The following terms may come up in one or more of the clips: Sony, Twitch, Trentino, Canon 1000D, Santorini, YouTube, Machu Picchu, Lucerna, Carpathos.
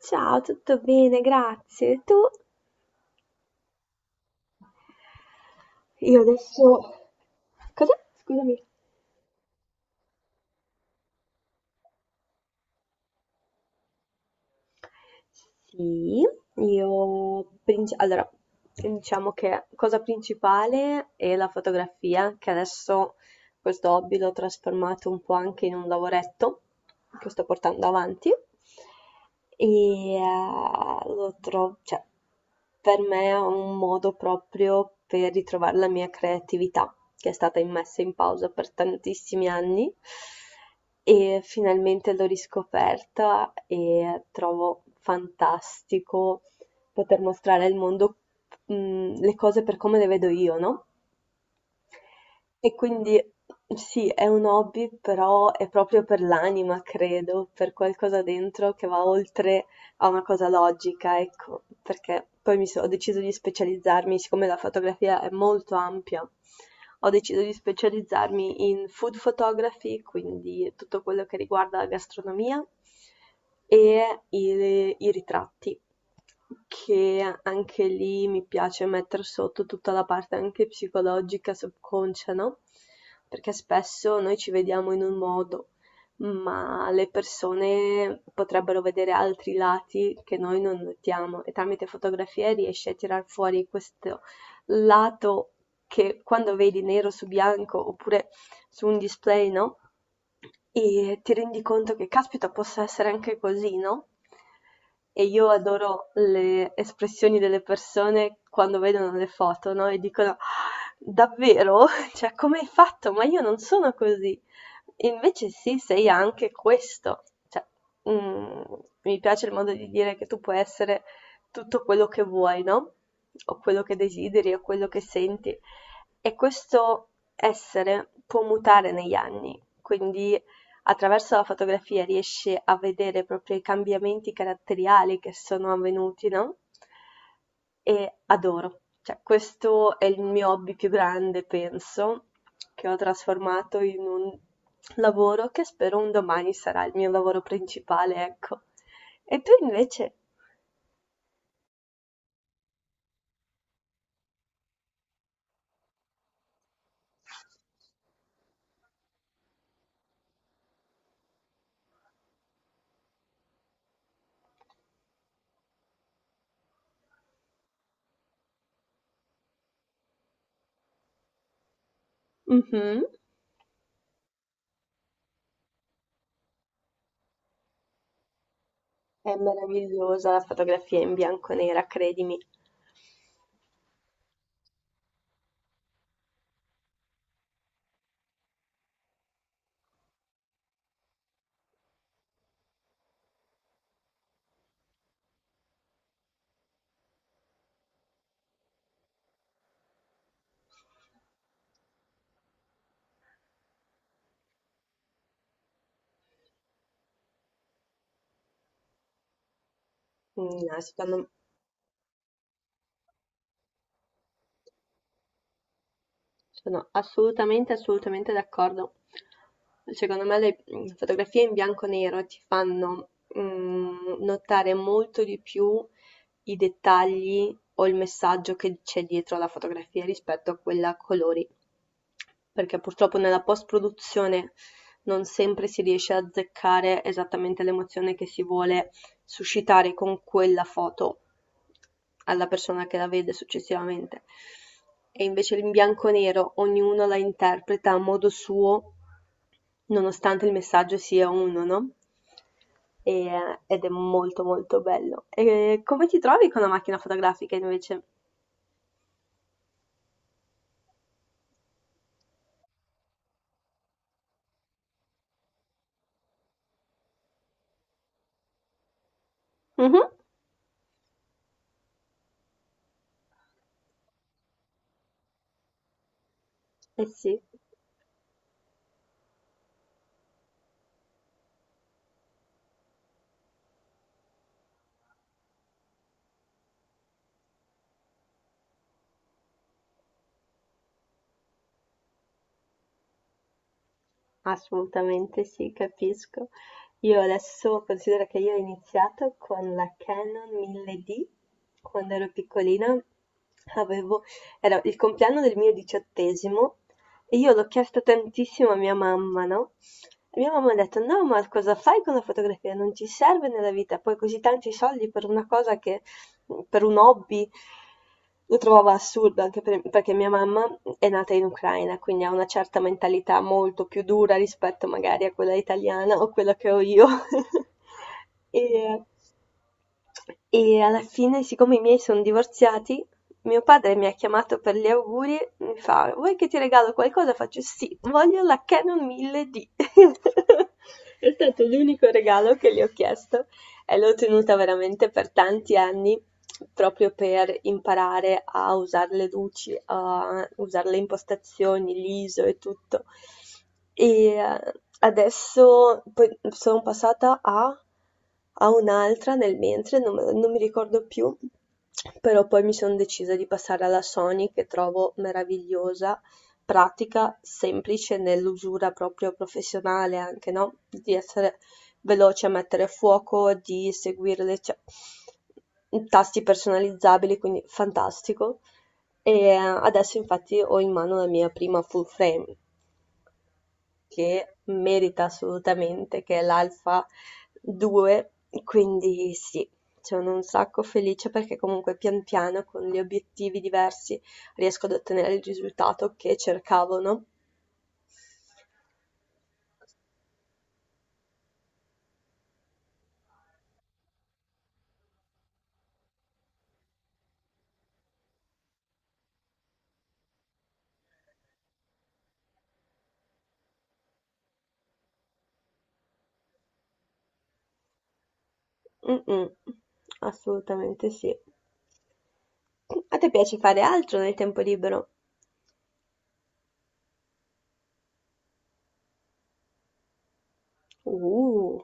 Ciao, tutto bene, grazie. E tu? Io adesso. Cosa? Scusami. Sì, Allora, diciamo che cosa principale è la fotografia, che adesso. Questo hobby l'ho trasformato un po' anche in un lavoretto che sto portando avanti e eh, lo trovo, cioè, per me è un modo proprio per ritrovare la mia creatività, che è stata messa in pausa per tantissimi anni e finalmente l'ho riscoperta e trovo fantastico poter mostrare al mondo, le cose per come le vedo io, no? E quindi sì, è un hobby, però è proprio per l'anima, credo, per qualcosa dentro che va oltre a una cosa logica, ecco, perché poi ho deciso di specializzarmi, siccome la fotografia è molto ampia, ho deciso di specializzarmi in food photography, quindi tutto quello che riguarda la gastronomia e i ritratti, che anche lì mi piace mettere sotto tutta la parte anche psicologica, subconscia, no? Perché spesso noi ci vediamo in un modo ma le persone potrebbero vedere altri lati che noi non notiamo e tramite fotografie riesci a tirar fuori questo lato che quando vedi nero su bianco oppure su un display, no? E ti rendi conto che caspita possa essere anche così, no? E io adoro le espressioni delle persone quando vedono le foto, no? E dicono, "Ah, davvero? Cioè, come hai fatto? Ma io non sono così. Invece sì, sei anche questo. Cioè, mhmm, mi piace il modo di dire che tu puoi essere tutto quello che vuoi, no, o quello che desideri o quello che senti e questo essere può mutare negli anni, quindi attraverso la fotografia riesce a vedere proprio i cambiamenti caratteriali che sono avvenuti, no? E adoro. Cioè, questo è il mio hobby più grande, penso, che ho trasformato in un lavoro che spero un domani sarà il mio lavoro principale, ecco. E tu invece? Mhm. È meravigliosa la fotografia in bianco e nera, credimi. Mm, no, secondo. Sono assolutamente, assolutamente d'accordo. Secondo me le fotografie in bianco e nero ti fanno notare molto di più i dettagli o il messaggio che c'è dietro alla fotografia rispetto a quella a colori, perché purtroppo nella post-produzione non sempre si riesce a azzeccare esattamente l'emozione che si vuole suscitare con quella foto alla persona che la vede successivamente. E invece in bianco e nero ognuno la interpreta a modo suo, nonostante il messaggio sia uno, no? Ed è molto molto bello. E come ti trovi con la macchina fotografica invece? Mhm. Eh sì. Assolutamente sì, capisco. Io adesso considero che io ho iniziato con la Canon 1000D quando ero piccolina. Avevo, era il compleanno del mio 18° e io l'ho chiesto tantissimo a mia mamma, no? E mia mamma ha detto: no, ma cosa fai con la fotografia? Non ci serve nella vita, poi così tanti soldi per una cosa che per un hobby lo trovavo assurdo, anche perché mia mamma è nata in Ucraina, quindi ha una certa mentalità molto più dura rispetto magari a quella italiana o quella che ho io. E, e alla fine, siccome i miei sono divorziati, mio padre mi ha chiamato per gli auguri, mi fa, vuoi che ti regalo qualcosa? Faccio sì, voglio la Canon 1000D. È stato l'unico regalo che gli ho chiesto e l'ho tenuta veramente per tanti anni proprio per imparare a usare le luci, a usare le impostazioni, l'ISO e tutto. E eh, Adesso poi sono passata a un'altra nel mentre, non, non mi ricordo più, però poi mi sono decisa di passare alla Sony che trovo meravigliosa, pratica, semplice nell'usura proprio professionale anche, no? Di essere veloce a mettere a fuoco, di seguire le cioè, tasti personalizzabili, quindi fantastico. Adesso infatti ho in mano la mia prima full frame che merita assolutamente, che è l'Alpha 2, quindi sì, sono un sacco felice perché comunque pian piano con gli obiettivi diversi riesco ad ottenere il risultato che cercavo, no? Mm, mm, assolutamente sì. A te piace fare altro nel tempo libero? Uh,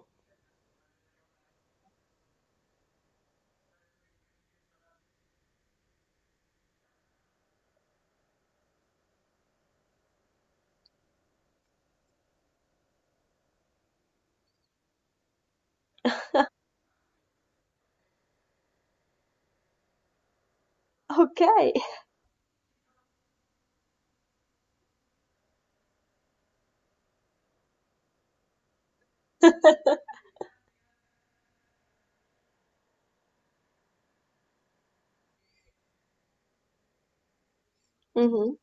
ok. Mhm.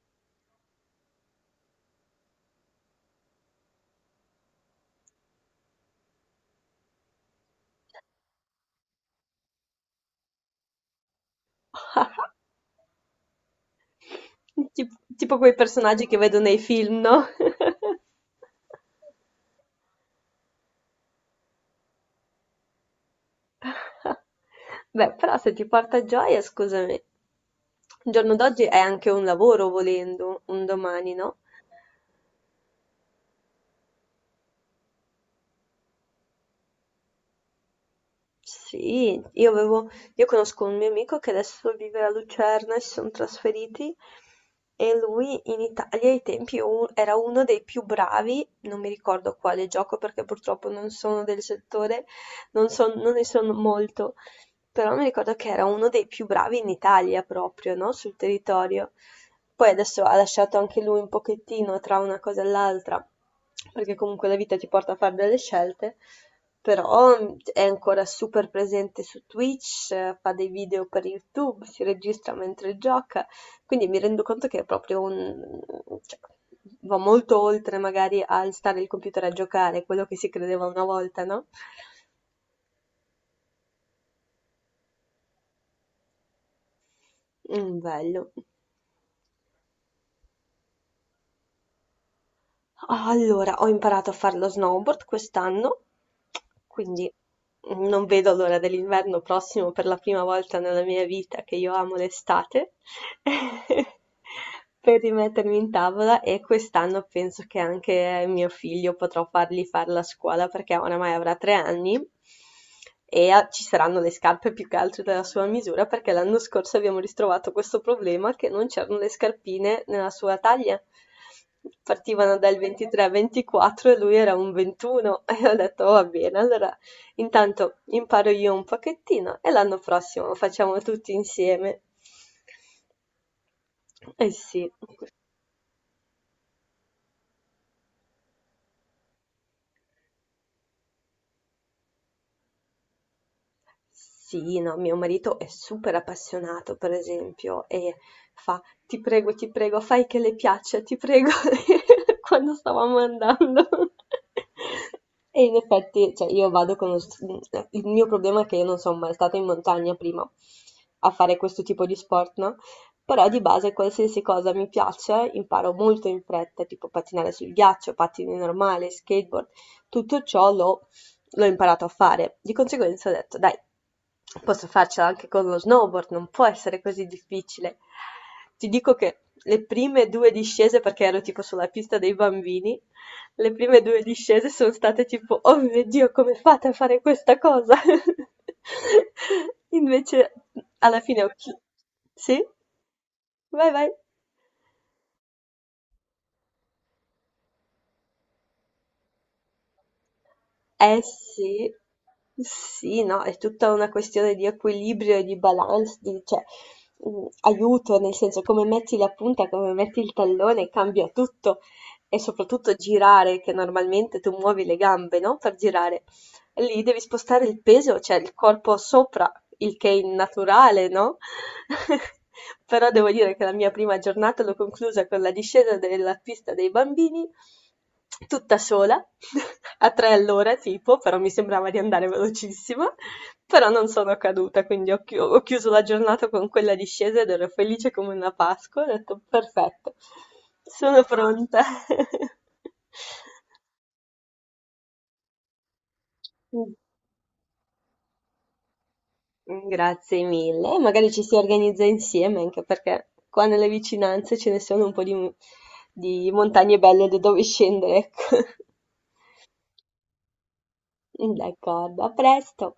Tipo quei personaggi che vedo nei film, no? Beh, però se ti porta gioia, scusami, il giorno d'oggi è anche un lavoro volendo, un domani, no? Sì, io conosco un mio amico che adesso vive a Lucerna e si sono trasferiti e lui in Italia ai tempi era uno dei più bravi, non mi ricordo quale gioco perché purtroppo non sono del settore, non ne sono molto, però mi ricordo che era uno dei più bravi in Italia proprio, no, sul territorio. Poi adesso ha lasciato anche lui un pochettino tra una cosa e l'altra, perché comunque la vita ti porta a fare delle scelte, però è ancora super presente su Twitch, fa dei video per YouTube, si registra mentre gioca, quindi mi rendo conto che è proprio un, cioè, va molto oltre magari al stare il computer a giocare, quello che si credeva una volta, no? Mm, bello. Allora, ho imparato a fare lo snowboard quest'anno, quindi non vedo l'ora dell'inverno prossimo per la prima volta nella mia vita che io amo l'estate, per rimettermi in tavola e quest'anno penso che anche mio figlio potrò fargli fare la scuola perché oramai avrà 3 anni e ci saranno le scarpe più che altro della sua misura perché l'anno scorso abbiamo ristrovato questo problema che non c'erano le scarpine nella sua taglia. Partivano dal 23-24 e lui era un 21. E ho detto va bene, allora intanto imparo io un pochettino e l'anno prossimo lo facciamo tutti insieme. Eh sì. Sì, no, mio marito è super appassionato, per esempio, e fa: ti prego, fai che le piaccia, ti prego", quando stavamo andando. E in effetti, cioè, io vado con il mio problema è che io non son mai stata in montagna prima a fare questo tipo di sport, no, però di base qualsiasi cosa mi piace imparo molto in fretta, tipo pattinare sul ghiaccio, pattini normali, skateboard, tutto ciò l'ho imparato a fare. Di conseguenza ho detto: "Dai." Posso farcela anche con lo snowboard, non può essere così difficile. Ti dico che le prime 2 discese, perché ero tipo sulla pista dei bambini, le prime 2 discese son state tipo: "Oh mio Dio, come fate a fare questa cosa?" Invece alla fine ho chi sì? Vai vai. Eh sì, sì, no, è tutta una questione di equilibrio e di balance, cioè, aiuto, nel senso come metti la punta, come metti il tallone, cambia tutto e soprattutto girare, che normalmente tu muovi le gambe, no? Per girare. Lì devi spostare il peso, cioè il corpo sopra, il che è innaturale, no? Però devo dire che la mia prima giornata l'ho conclusa con la discesa della pista dei bambini, tutta sola, a 3 all'ora tipo, però mi sembrava di andare velocissima, però non sono caduta, quindi ho chiuso la giornata con quella discesa ed ero felice come una Pasqua, ho detto perfetto, sono pronta. Mm, grazie mille, magari ci si organizza insieme anche perché qua nelle vicinanze ce ne sono un po' di montagne belle da dove scendere, ecco. D'accordo, a presto.